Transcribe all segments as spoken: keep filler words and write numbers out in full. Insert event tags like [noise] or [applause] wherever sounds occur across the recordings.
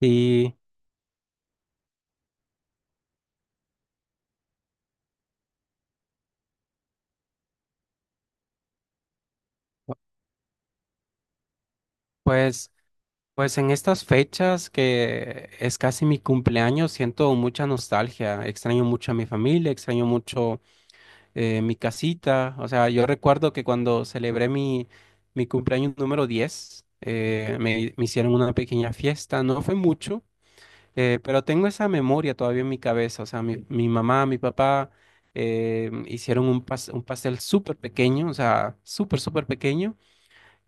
Y pues, pues en estas fechas que es casi mi cumpleaños, siento mucha nostalgia, extraño mucho a mi familia, extraño mucho eh, mi casita. O sea, yo recuerdo que cuando celebré mi, mi cumpleaños número diez, eh, me, me hicieron una pequeña fiesta, no fue mucho. Eh, pero tengo esa memoria todavía en mi cabeza. O sea, mi, mi mamá, mi papá eh, hicieron un, pas- un pastel súper pequeño, o sea, súper, súper pequeño.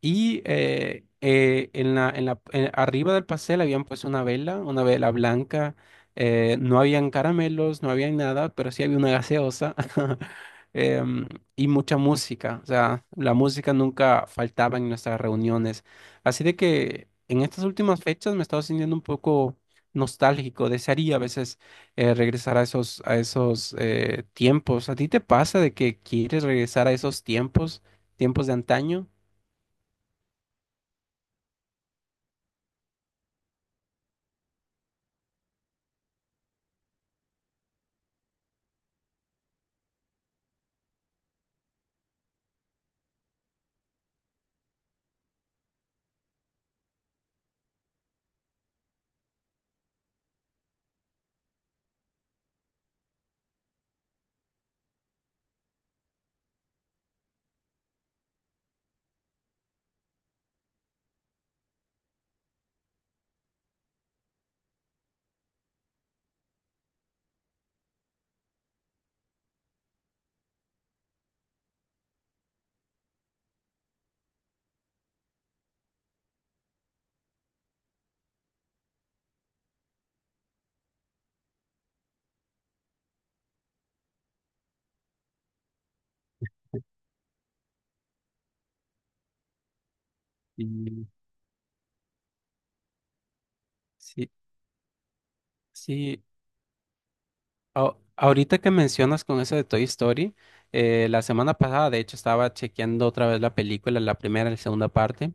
Y eh, eh, en la, en la, en- arriba del pastel habían puesto una vela, una vela blanca. Eh, no habían caramelos, no había nada, pero sí había una gaseosa [laughs] em, y mucha música. O sea, la música nunca faltaba en nuestras reuniones. Así de que en estas últimas fechas me he estado sintiendo un poco nostálgico. Desearía a veces eh, regresar a esos, a esos eh, tiempos. ¿A ti te pasa de que quieres regresar a esos tiempos, tiempos de antaño? Sí. Sí, sí. Au- ahorita que mencionas con eso de Toy Story, eh, la semana pasada, de hecho, estaba chequeando otra vez la película, la primera y la segunda parte.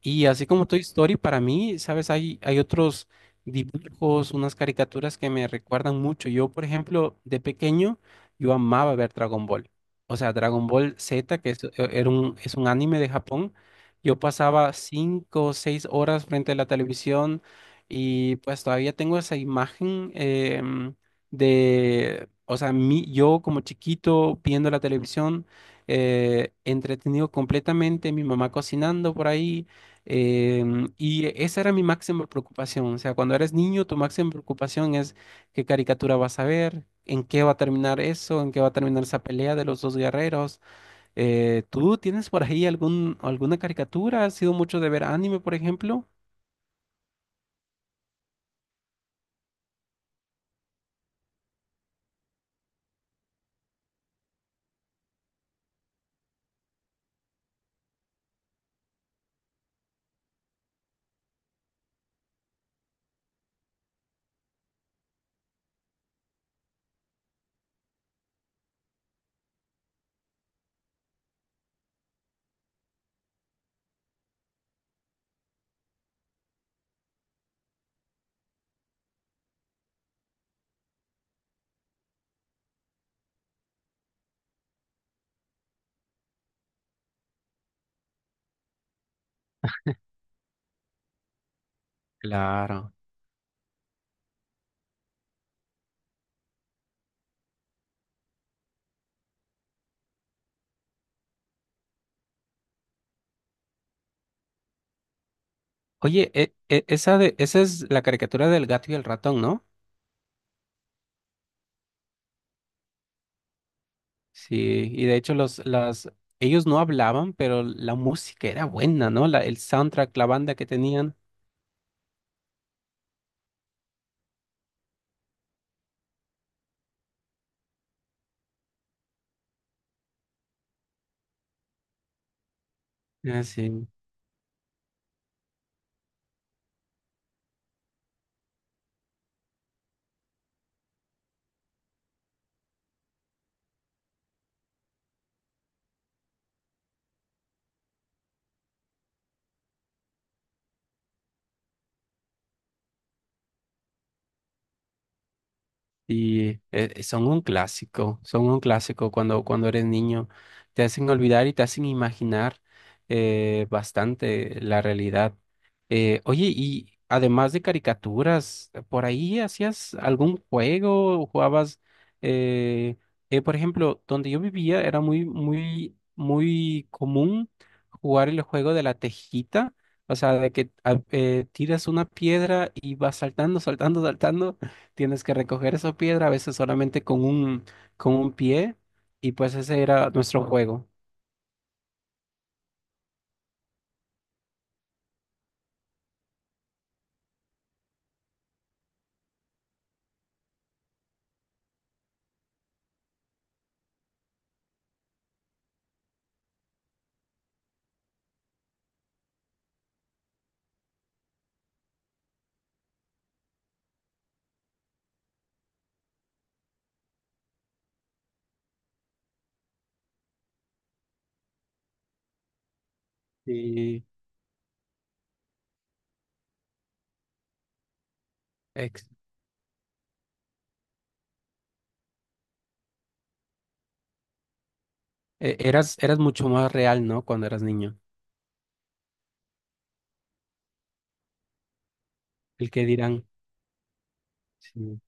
Y así como Toy Story, para mí, ¿sabes? Hay, hay otros dibujos, unas caricaturas que me recuerdan mucho. Yo, por ejemplo, de pequeño, yo amaba ver Dragon Ball. O sea, Dragon Ball Z, que es, e- era un, es un anime de Japón. Yo pasaba cinco o seis horas frente a la televisión y pues todavía tengo esa imagen em, de, o sea, mi, yo como chiquito viendo la televisión eh, entretenido completamente, mi mamá cocinando por ahí. Em, y esa era mi máxima preocupación. O sea, cuando eres niño, tu máxima preocupación es qué caricatura vas a ver, en qué va a terminar eso, en qué va a terminar esa pelea de los dos guerreros. Eh, ¿tú tienes por ahí algún, alguna caricatura? ¿Has sido mucho de ver anime, por ejemplo? Claro. Oye, e- e- esa de, esa es la caricatura del gato y el ratón, ¿no? Sí, y de hecho los, las, ellos no hablaban, pero la música era buena, ¿no? La, el soundtrack, la banda que tenían. Ah, sí. Y eh, eh, son un clásico, son un clásico cuando, cuando eres niño. Te hacen olvidar y te hacen imaginar eh, bastante la realidad. Eh, oye, y además de caricaturas, ¿por ahí hacías algún juego? ¿Jugabas? eh, eh, por ejemplo, donde yo vivía era muy, muy, muy común jugar el juego de la tejita. O sea, de que ah, eh, tiras una piedra y vas saltando, saltando, saltando. Tienes que recoger esa piedra, a veces solamente con un, con un pie, y pues ese era nuestro juego. Y ex- e- eras, eras mucho más real, ¿no? Cuando eras niño. El que dirán. Sí.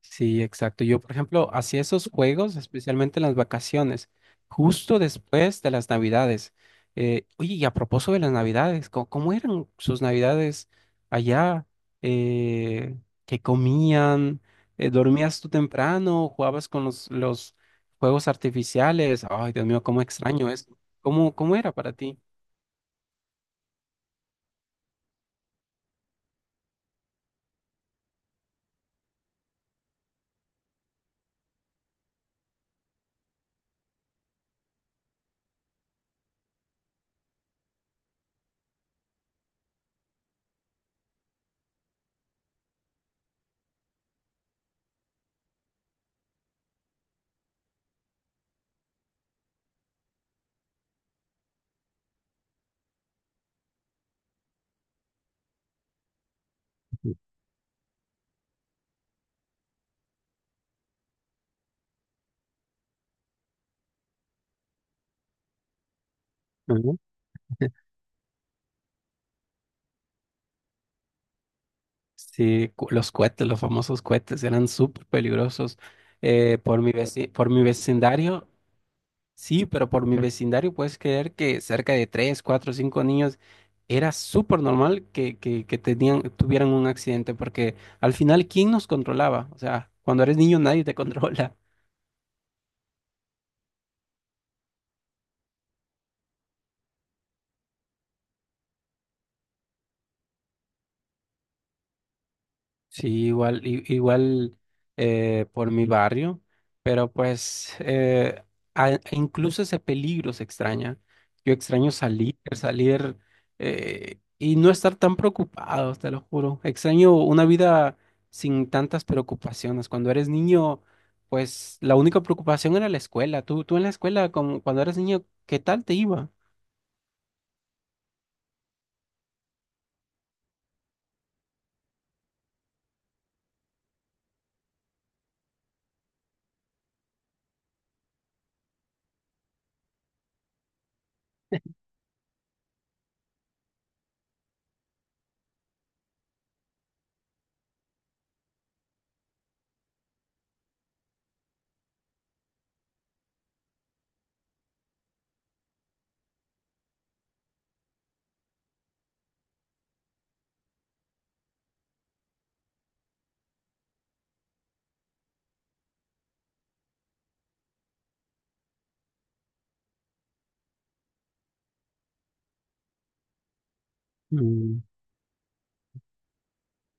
Sí, exacto. Yo, por ejemplo, hacía esos juegos, especialmente en las vacaciones, justo después de las Navidades. Eh, oye, y a propósito de las Navidades, ¿cómo, cómo eran sus Navidades allá? Eh, ¿qué comían? Eh, ¿dormías tú temprano? ¿Jugabas con los, los juegos artificiales? Ay, Dios mío, cómo extraño eso. ¿Cómo, cómo era para ti? Ujú. Sí, cu- los cohetes, los famosos cohetes eran súper peligrosos. Eh, por mi veci- por mi vecindario. Sí, pero por mi vecindario puedes creer que cerca de tres, cuatro, cinco niños era súper normal que, que, que tenían, tuvieran un accidente, porque al final, ¿quién nos controlaba? O sea, cuando eres niño nadie te [laughs] controla. Sí, igual, i- igual eh, por mi barrio, pero pues eh, a- e incluso ese peligro se extraña. Yo extraño salir, salir, eh, y no estar tan preocupado, te lo juro. Extraño una vida sin tantas preocupaciones. Cuando eres niño, pues la única preocupación era la escuela. Tú, tú en la escuela, como cuando eras niño, ¿qué tal te iba?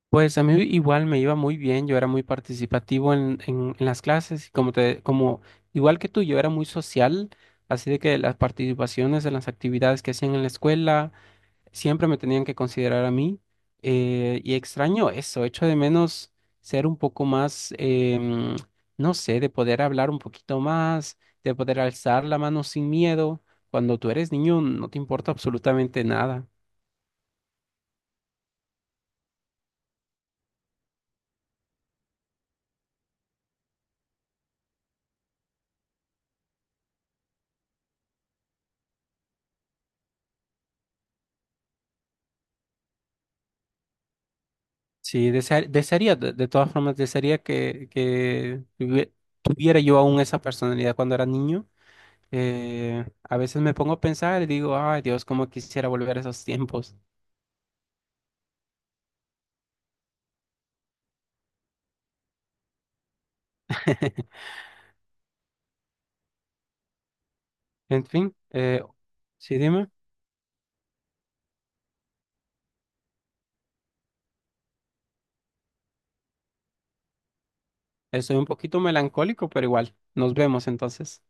Pues a mí igual me iba muy bien, yo era muy participativo en, en- en las clases, y como te, como igual que tú, yo era muy social, así de que las participaciones en las actividades que hacían en la escuela siempre me tenían que considerar a mí, eh, y extraño eso, echo de menos ser un poco más, em, no sé, de poder hablar un poquito más, de poder alzar la mano sin miedo, cuando tú eres niño no te importa absolutamente nada. Sí, desea- desearía, de, de todas formas, desearía que, que tuvie- tuviera yo aún esa personalidad cuando era niño. Eh, a veces me pongo a pensar y digo, ay Dios, cómo quisiera volver a esos tiempos. [laughs] En fin, eh, sí, dime, estoy un poquito melancólico, pero igual, nos vemos entonces.